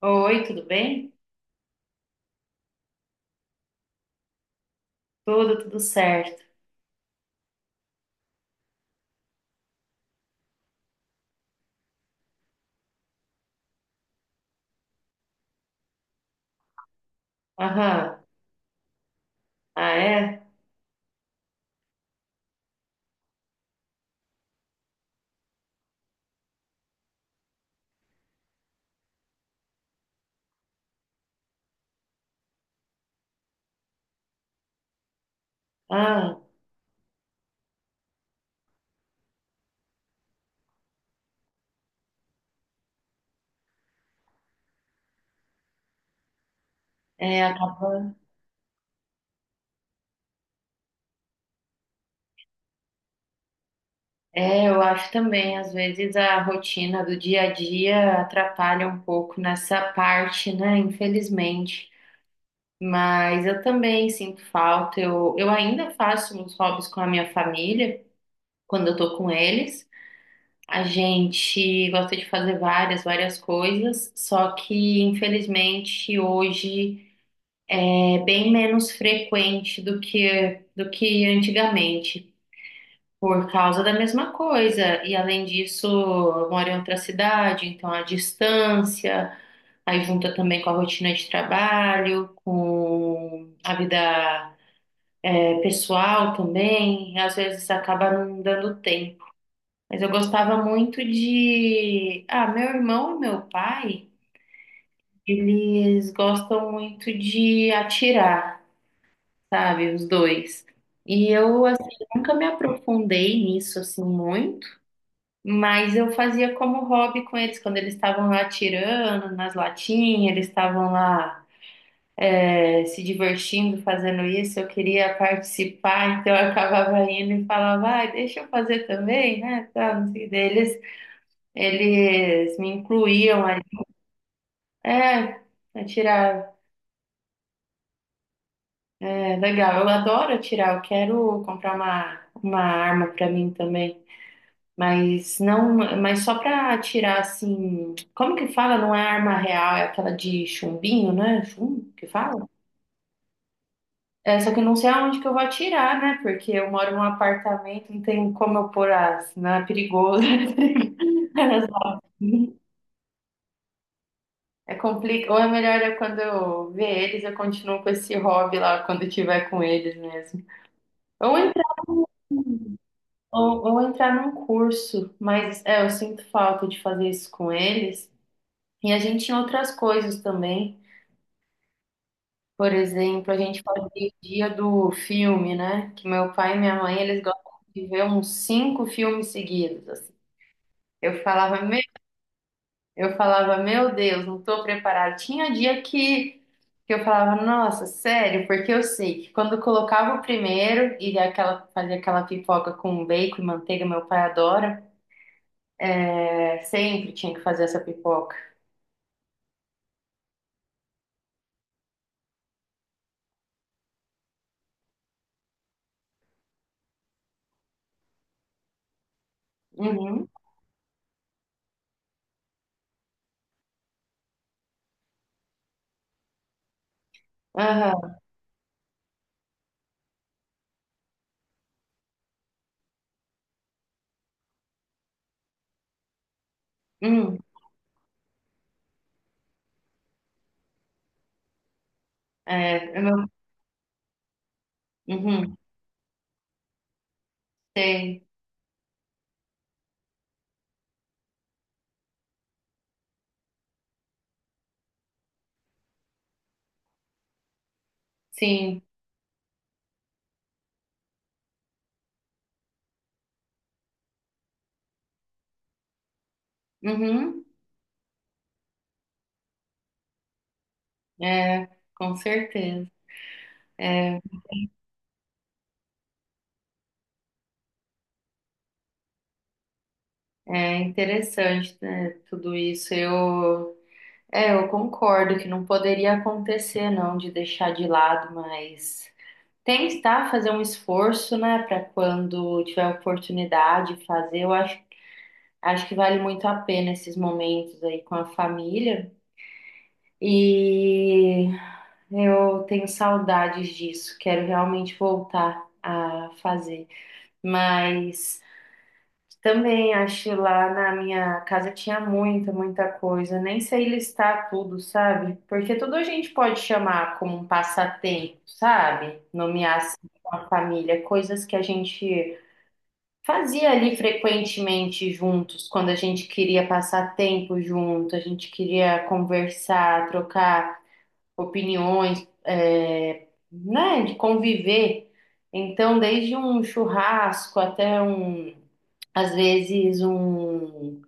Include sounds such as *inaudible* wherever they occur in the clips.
Oi, tudo bem? Tudo certo. Aham. Ah, é? Ah, é, acaba... É, eu acho também, às vezes a rotina do dia a dia atrapalha um pouco nessa parte, né? Infelizmente. Mas eu também sinto falta. Eu ainda faço uns hobbies com a minha família, quando eu tô com eles. A gente gosta de fazer várias coisas, só que infelizmente hoje. É bem menos frequente do que antigamente, por causa da mesma coisa. E além disso, eu moro em outra cidade, então a distância, aí junta também com a rotina de trabalho, com a vida é, pessoal também, e às vezes acaba não dando tempo. Mas eu gostava muito de. Ah, meu irmão e meu pai, eles gostam muito de atirar. Sabe? Os dois. E eu, assim, nunca me aprofundei nisso, assim, muito, mas eu fazia como hobby com eles, quando eles estavam lá atirando nas latinhas, eles estavam lá, se divertindo fazendo isso, eu queria participar, então eu acabava indo e falava, vai, deixa eu fazer também, né? Tá, não sei, eles me incluíam ali. É, atirar, é legal, eu adoro atirar, eu quero comprar uma arma pra mim também. Mas não, mas só pra tirar assim, como que fala? Não é arma real, é aquela de chumbinho, né? Chumbo que fala? É, só que eu não sei aonde que eu vou atirar, né? Porque eu moro num apartamento, não tem como eu pôr as, não é perigoso. *laughs* Era só. É complicado. Ou é melhor é quando eu ver eles, eu continuo com esse hobby lá quando eu tiver com eles mesmo. Ou entrar, ou entrar num curso, mas é, eu sinto falta de fazer isso com eles. E a gente em outras coisas também. Por exemplo, a gente fazia o dia do filme, né? Que meu pai e minha mãe, eles gostam de ver uns cinco filmes seguidos, assim. Eu falava, meu, eu falava, meu Deus, não tô preparada. Tinha que eu falava, nossa, sério, porque eu sei que quando eu colocava o primeiro e aquela, fazia aquela pipoca com bacon e manteiga, meu pai adora, é, sempre tinha que fazer essa pipoca. Uhum, aham, hum, é, é meu, uhum, sei, sim, uhum. É, com certeza. É interessante, né, tudo isso. Eu concordo que não poderia acontecer, não, de deixar de lado, mas tentar fazer um esforço, né, para quando tiver oportunidade fazer. Acho que vale muito a pena esses momentos aí com a família. E eu tenho saudades disso. Quero realmente voltar a fazer. Mas também acho lá na minha casa tinha muita coisa. Nem sei listar tudo, sabe? Porque tudo a gente pode chamar como um passatempo, sabe? Nomear assim com a família, coisas que a gente fazia ali frequentemente juntos, quando a gente queria passar tempo junto, a gente queria conversar, trocar opiniões, é, né? De conviver. Então, desde um churrasco até um às vezes um,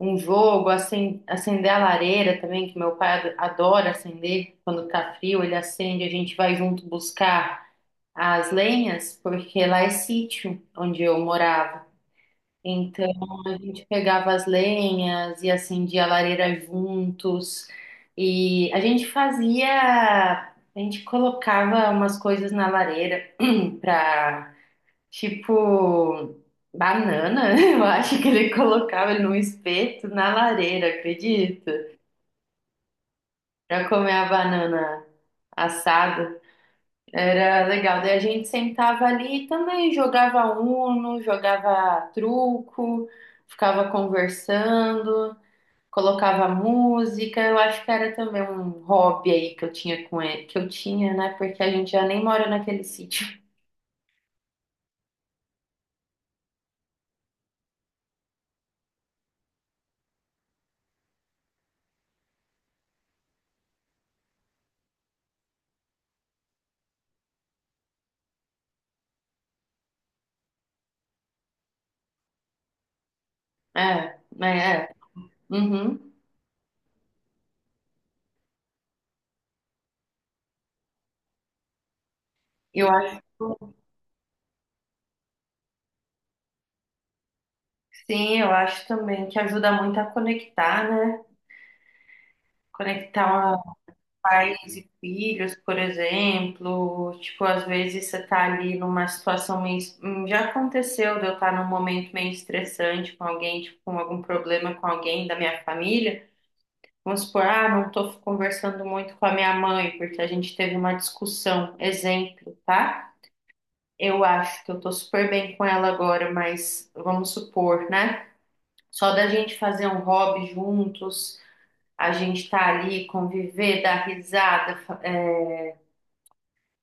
um jogo, acender a lareira também, que meu pai adora acender quando tá frio, ele acende, a gente vai junto buscar as lenhas, porque lá é sítio onde eu morava. Então a gente pegava as lenhas e acendia a lareira juntos. E a gente fazia, a gente colocava umas coisas na lareira *clears throat* para tipo banana, *laughs* eu acho que ele colocava ele num espeto na lareira, acredita? Pra comer a banana assada. Era legal. Daí a gente sentava ali e também jogava Uno, jogava truco, ficava conversando, colocava música. Eu acho que era também um hobby aí que eu tinha com ele, que eu tinha, né? Porque a gente já nem mora naquele sítio. É, né? É. Uhum. Eu acho. Sim, eu acho também que ajuda muito a conectar, né? Conectar pais e filhos, por exemplo. Tipo, às vezes você tá ali numa situação meio. Já aconteceu de eu estar num momento meio estressante com alguém, tipo, com algum problema com alguém da minha família. Vamos supor, ah, não tô conversando muito com a minha mãe, porque a gente teve uma discussão. Exemplo, tá? Eu acho que eu tô super bem com ela agora, mas vamos supor, né? Só da gente fazer um hobby juntos a gente tá ali, conviver, dar risada,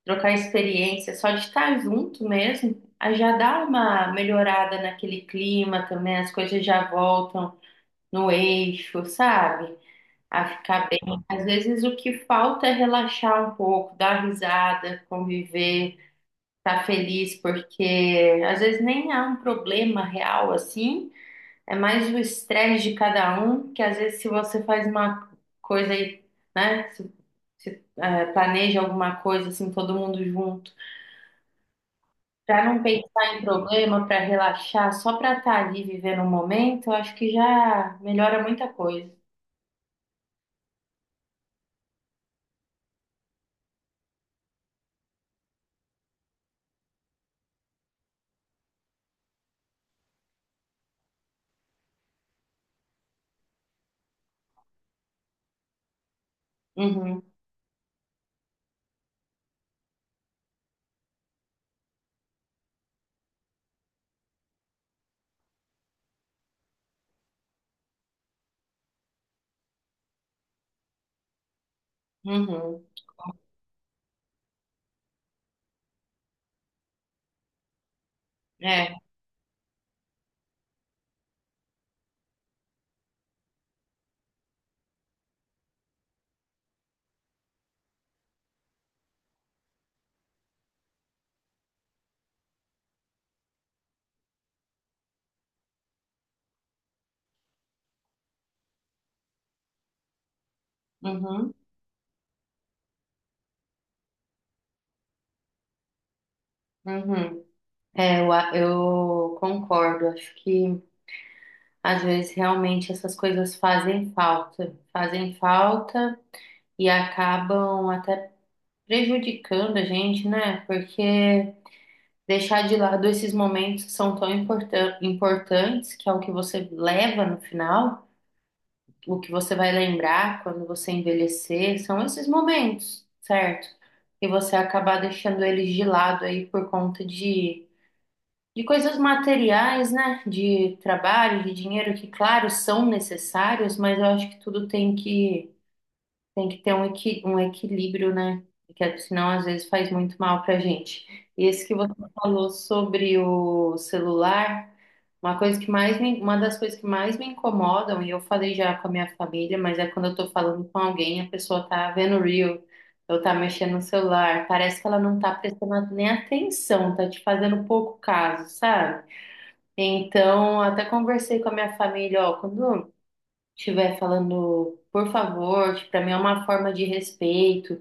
trocar experiência, só de estar junto mesmo, aí já dá uma melhorada naquele clima também, as coisas já voltam no eixo, sabe? A ficar bem. Às vezes o que falta é relaxar um pouco, dar risada, conviver, estar feliz, porque às vezes nem há um problema real assim, é mais o estresse de cada um, que às vezes se você faz uma coisa aí né? Você planeja alguma coisa assim, todo mundo junto, para não pensar em problema, para relaxar, só para estar ali vivendo o momento, eu acho que já melhora muita coisa. Uhum, uhum, é, uhum, uhum. É, eu concordo. Acho que às vezes realmente essas coisas fazem falta e acabam até prejudicando a gente, né? Porque deixar de lado esses momentos que são tão importantes, que é o que você leva no final, o que você vai lembrar quando você envelhecer, são esses momentos, certo? E você acabar deixando eles de lado aí por conta de coisas materiais, né? De trabalho, de dinheiro, que, claro, são necessários, mas eu acho que tudo tem que ter um, equi um equilíbrio, né? Porque senão às vezes faz muito mal pra gente. E esse que você falou sobre o celular, uma das coisas que mais me incomodam, e eu falei já com a minha família, mas é quando eu tô falando com alguém, a pessoa tá vendo o Reel, ou tá mexendo no celular, parece que ela não tá prestando nem atenção, tá te fazendo pouco caso, sabe? Então, até conversei com a minha família, ó, quando estiver falando por favor, que para mim é uma forma de respeito,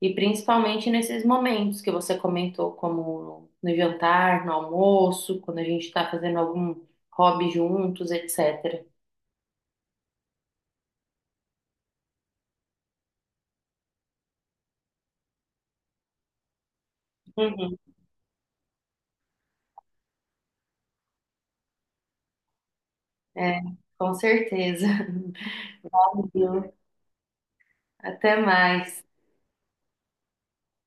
e principalmente nesses momentos que você comentou, como no jantar, no almoço, quando a gente está fazendo algum hobby juntos, etc. Uhum. É, com certeza. *laughs* Viu? Até mais.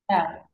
Tchau.